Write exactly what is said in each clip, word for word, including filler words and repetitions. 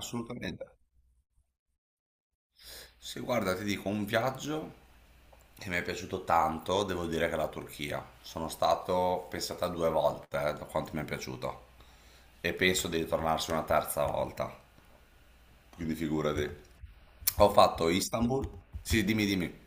Assolutamente. Se guarda, ti dico un viaggio che mi è piaciuto tanto, devo dire che è la Turchia. Sono stato, pensate, due volte, eh, da quanto mi è piaciuto. E penso di ritornarci una terza volta. Quindi figurati. Ho fatto Istanbul. Sì, dimmi, dimmi.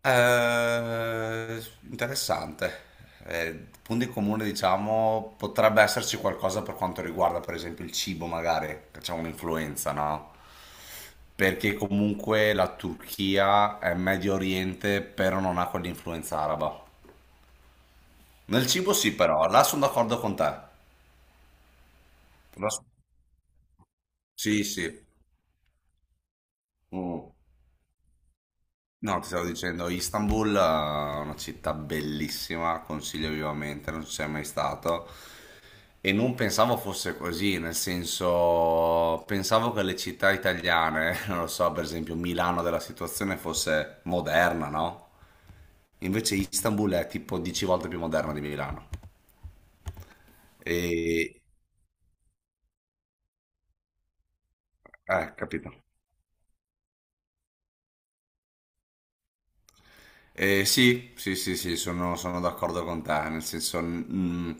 Eh, Interessante. Eh, Punto in comune, diciamo, potrebbe esserci qualcosa per quanto riguarda, per esempio, il cibo, magari, che c'è un'influenza, no? Perché comunque la Turchia è Medio Oriente, però non ha quell'influenza araba. Nel cibo sì, però, là sono d'accordo con te. Là so- Sì, sì. Mm. No, ti stavo dicendo, Istanbul è una città bellissima, consiglio vivamente, non ci sei mai stato. E non pensavo fosse così, nel senso, pensavo che le città italiane, non lo so, per esempio Milano della situazione fosse moderna, no? Invece Istanbul è tipo dieci volte più moderna di Milano. E... Eh, capito. Eh, sì, sì, sì, sì, sono, sono d'accordo con te, nel senso, mm,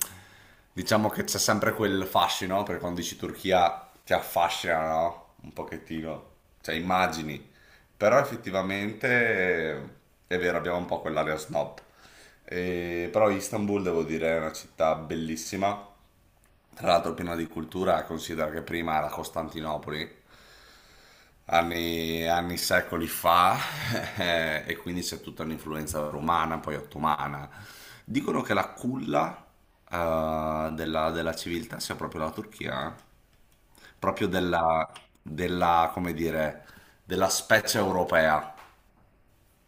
diciamo che c'è sempre quel fascino, no? Perché quando dici Turchia ti affascina, no? Un pochettino, cioè immagini, però effettivamente eh, è vero, abbiamo un po' quell'area snob. Eh, però Istanbul devo dire è una città bellissima, tra l'altro piena di cultura, considera che prima era Costantinopoli, anni, anni secoli fa, e quindi c'è tutta un'influenza romana, poi ottomana. Dicono che la culla eh, della, della civiltà sia proprio la Turchia, eh? Proprio della, della, come dire, della specie europea.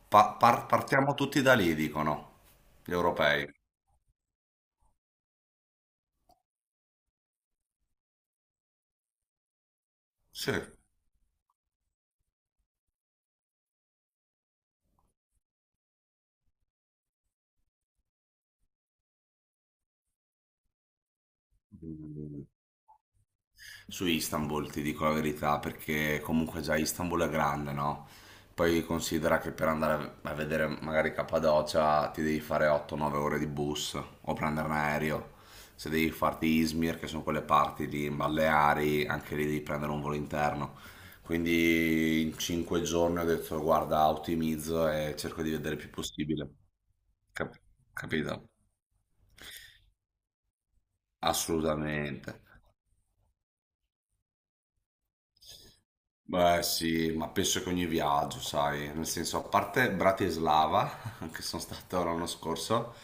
Pa- par- partiamo tutti da lì, dicono gli europei. Sì. Su Istanbul, ti dico la verità, perché comunque già Istanbul è grande, no? Poi considera che per andare a vedere magari Cappadocia ti devi fare otto o nove ore di bus o prendere un aereo. Se devi farti Izmir, che sono quelle parti lì in Baleari, anche lì devi prendere un volo interno. Quindi in cinque giorni ho detto guarda, ottimizzo e cerco di vedere il più possibile. Cap- Capito? Assolutamente. Beh sì, ma penso che ogni viaggio, sai, nel senso, a parte Bratislava, che sono stato l'anno scorso,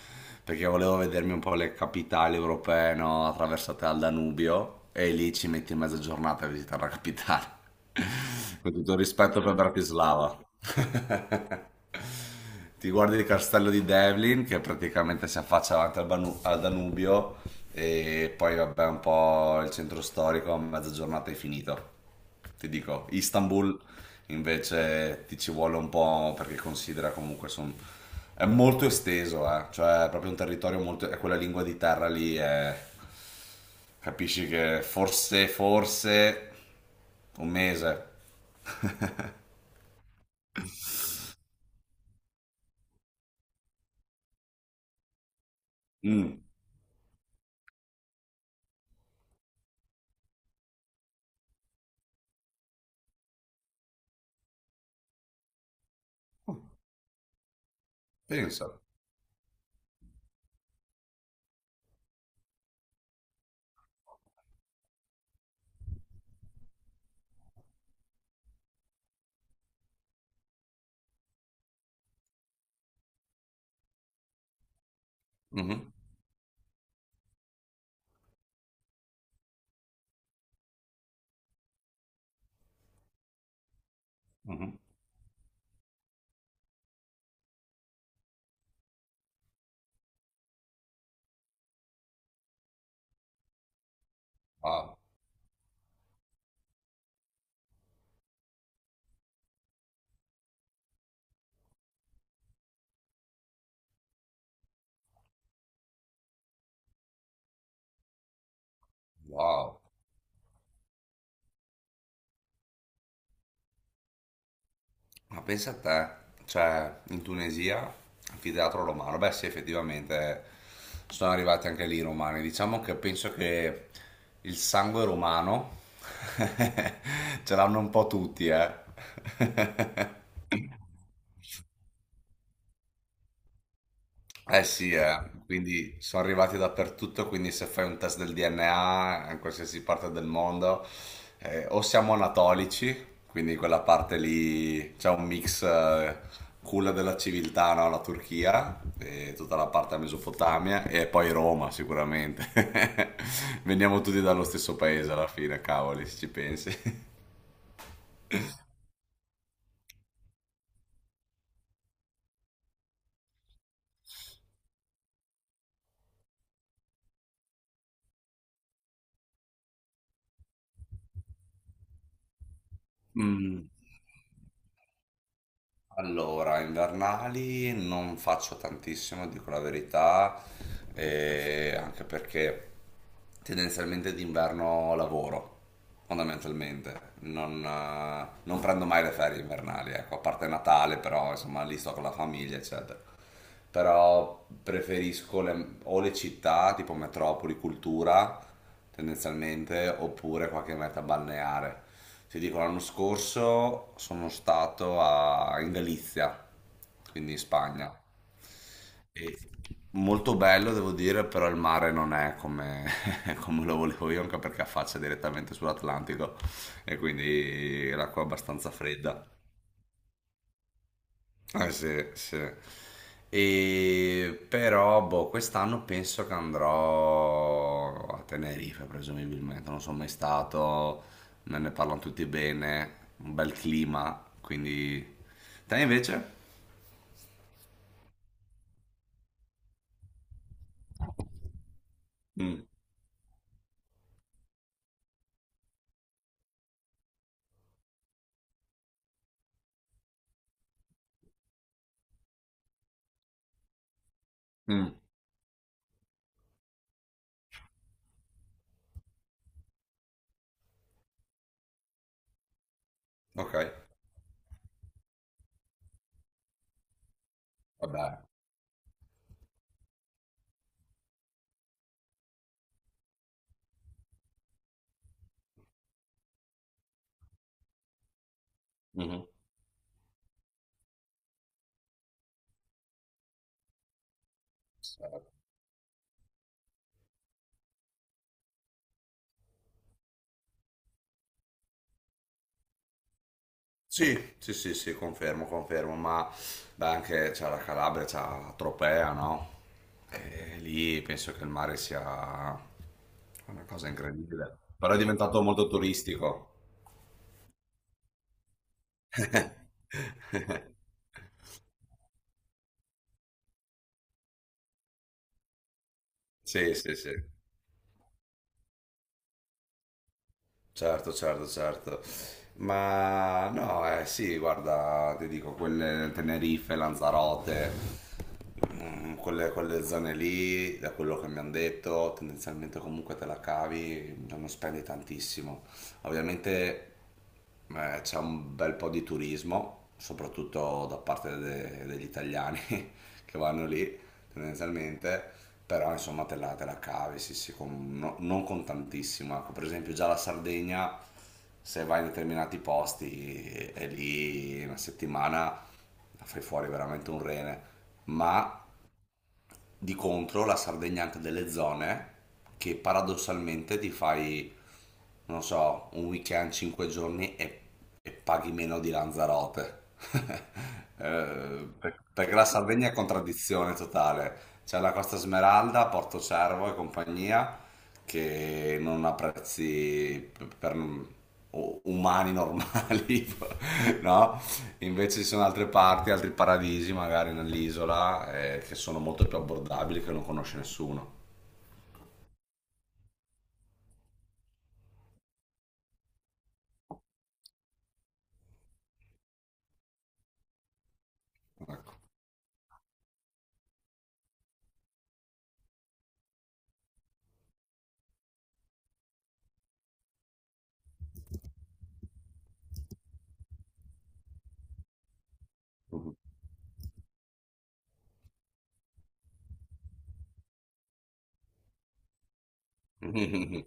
perché volevo vedermi un po' le capitali europee, no, attraversate dal Danubio, e lì ci metti mezza giornata a visitare la capitale. Con tutto il rispetto per Bratislava. Ti guardi il castello di Devlin che praticamente si affaccia davanti al, Banu- al Danubio, e poi vabbè un po' il centro storico, a mezza giornata è finito. Ti dico, Istanbul invece ti ci vuole un po' perché considera comunque son- è molto esteso, eh, cioè è proprio un territorio molto... è quella lingua di terra lì, è- capisci che forse, forse un mese. Mm, pensa. Mhm, mhm. Ah, wow. Ma pensa a te, cioè in Tunisia, anfiteatro romano, beh sì effettivamente sono arrivati anche lì i romani, diciamo che penso che il sangue romano ce l'hanno un po' tutti, eh. Eh sì, eh, quindi sono arrivati dappertutto, quindi se fai un test del D N A in qualsiasi parte del mondo, eh, o siamo anatolici, quindi quella parte lì c'è un mix eh, culla della civiltà, no? La Turchia, e tutta la parte della Mesopotamia, e poi Roma sicuramente. Veniamo tutti dallo stesso paese alla fine, cavoli, se ci pensi. Mm. Allora, invernali non faccio tantissimo, dico la verità, eh, anche perché tendenzialmente d'inverno lavoro, fondamentalmente. Non, eh, non prendo mai le ferie invernali, ecco, a parte Natale, però insomma lì sto con la famiglia, eccetera. Però preferisco le- o le città, tipo metropoli, cultura, tendenzialmente, oppure qualche meta balneare. Ti dico, l'anno scorso sono stato a- in Galizia, quindi in Spagna. E molto bello, devo dire, però il mare non è come, come lo volevo io, anche perché affaccia direttamente sull'Atlantico e quindi l'acqua è abbastanza fredda. Eh, sì, sì. E però, boh, quest'anno penso che andrò a Tenerife, presumibilmente. Non sono mai stato, me ne parlano tutti bene, un bel clima, quindi... Te invece? Mm, mm, ok, vabbè. Mhm. Sì, sì, sì, sì, confermo, confermo, ma beh, anche c'è la Calabria, c'è la Tropea, no? E lì penso che il mare sia una cosa incredibile, però è diventato molto turistico. Sì, sì, sì, certo, certo, certo. Ma no, eh, sì, guarda, ti dico, quelle Tenerife, Lanzarote, mm, quelle, quelle zone lì, da quello che mi hanno detto, tendenzialmente comunque te la cavi, non spendi tantissimo. Ovviamente eh, c'è un bel po' di turismo, soprattutto da parte de- degli italiani che vanno lì, tendenzialmente, però insomma te la, te la cavi, sì, sì, con- no- non con tantissimo. Ecco, per esempio già la Sardegna, se vai in determinati posti, è lì una settimana la fai fuori veramente un rene, ma di contro la Sardegna ha anche delle zone che paradossalmente ti fai, non so, un weekend, cinque giorni e, e paghi meno di Lanzarote. Eh, per- perché la Sardegna è contraddizione totale. C'è la Costa Smeralda, Porto Cervo e compagnia, che non ha prezzi p- per u- umani normali, no? Invece ci sono altre parti, altri paradisi magari nell'isola eh, che sono molto più abbordabili che non conosce nessuno.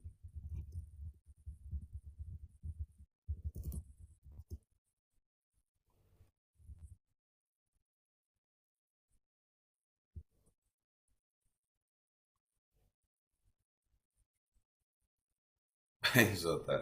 Penso a te.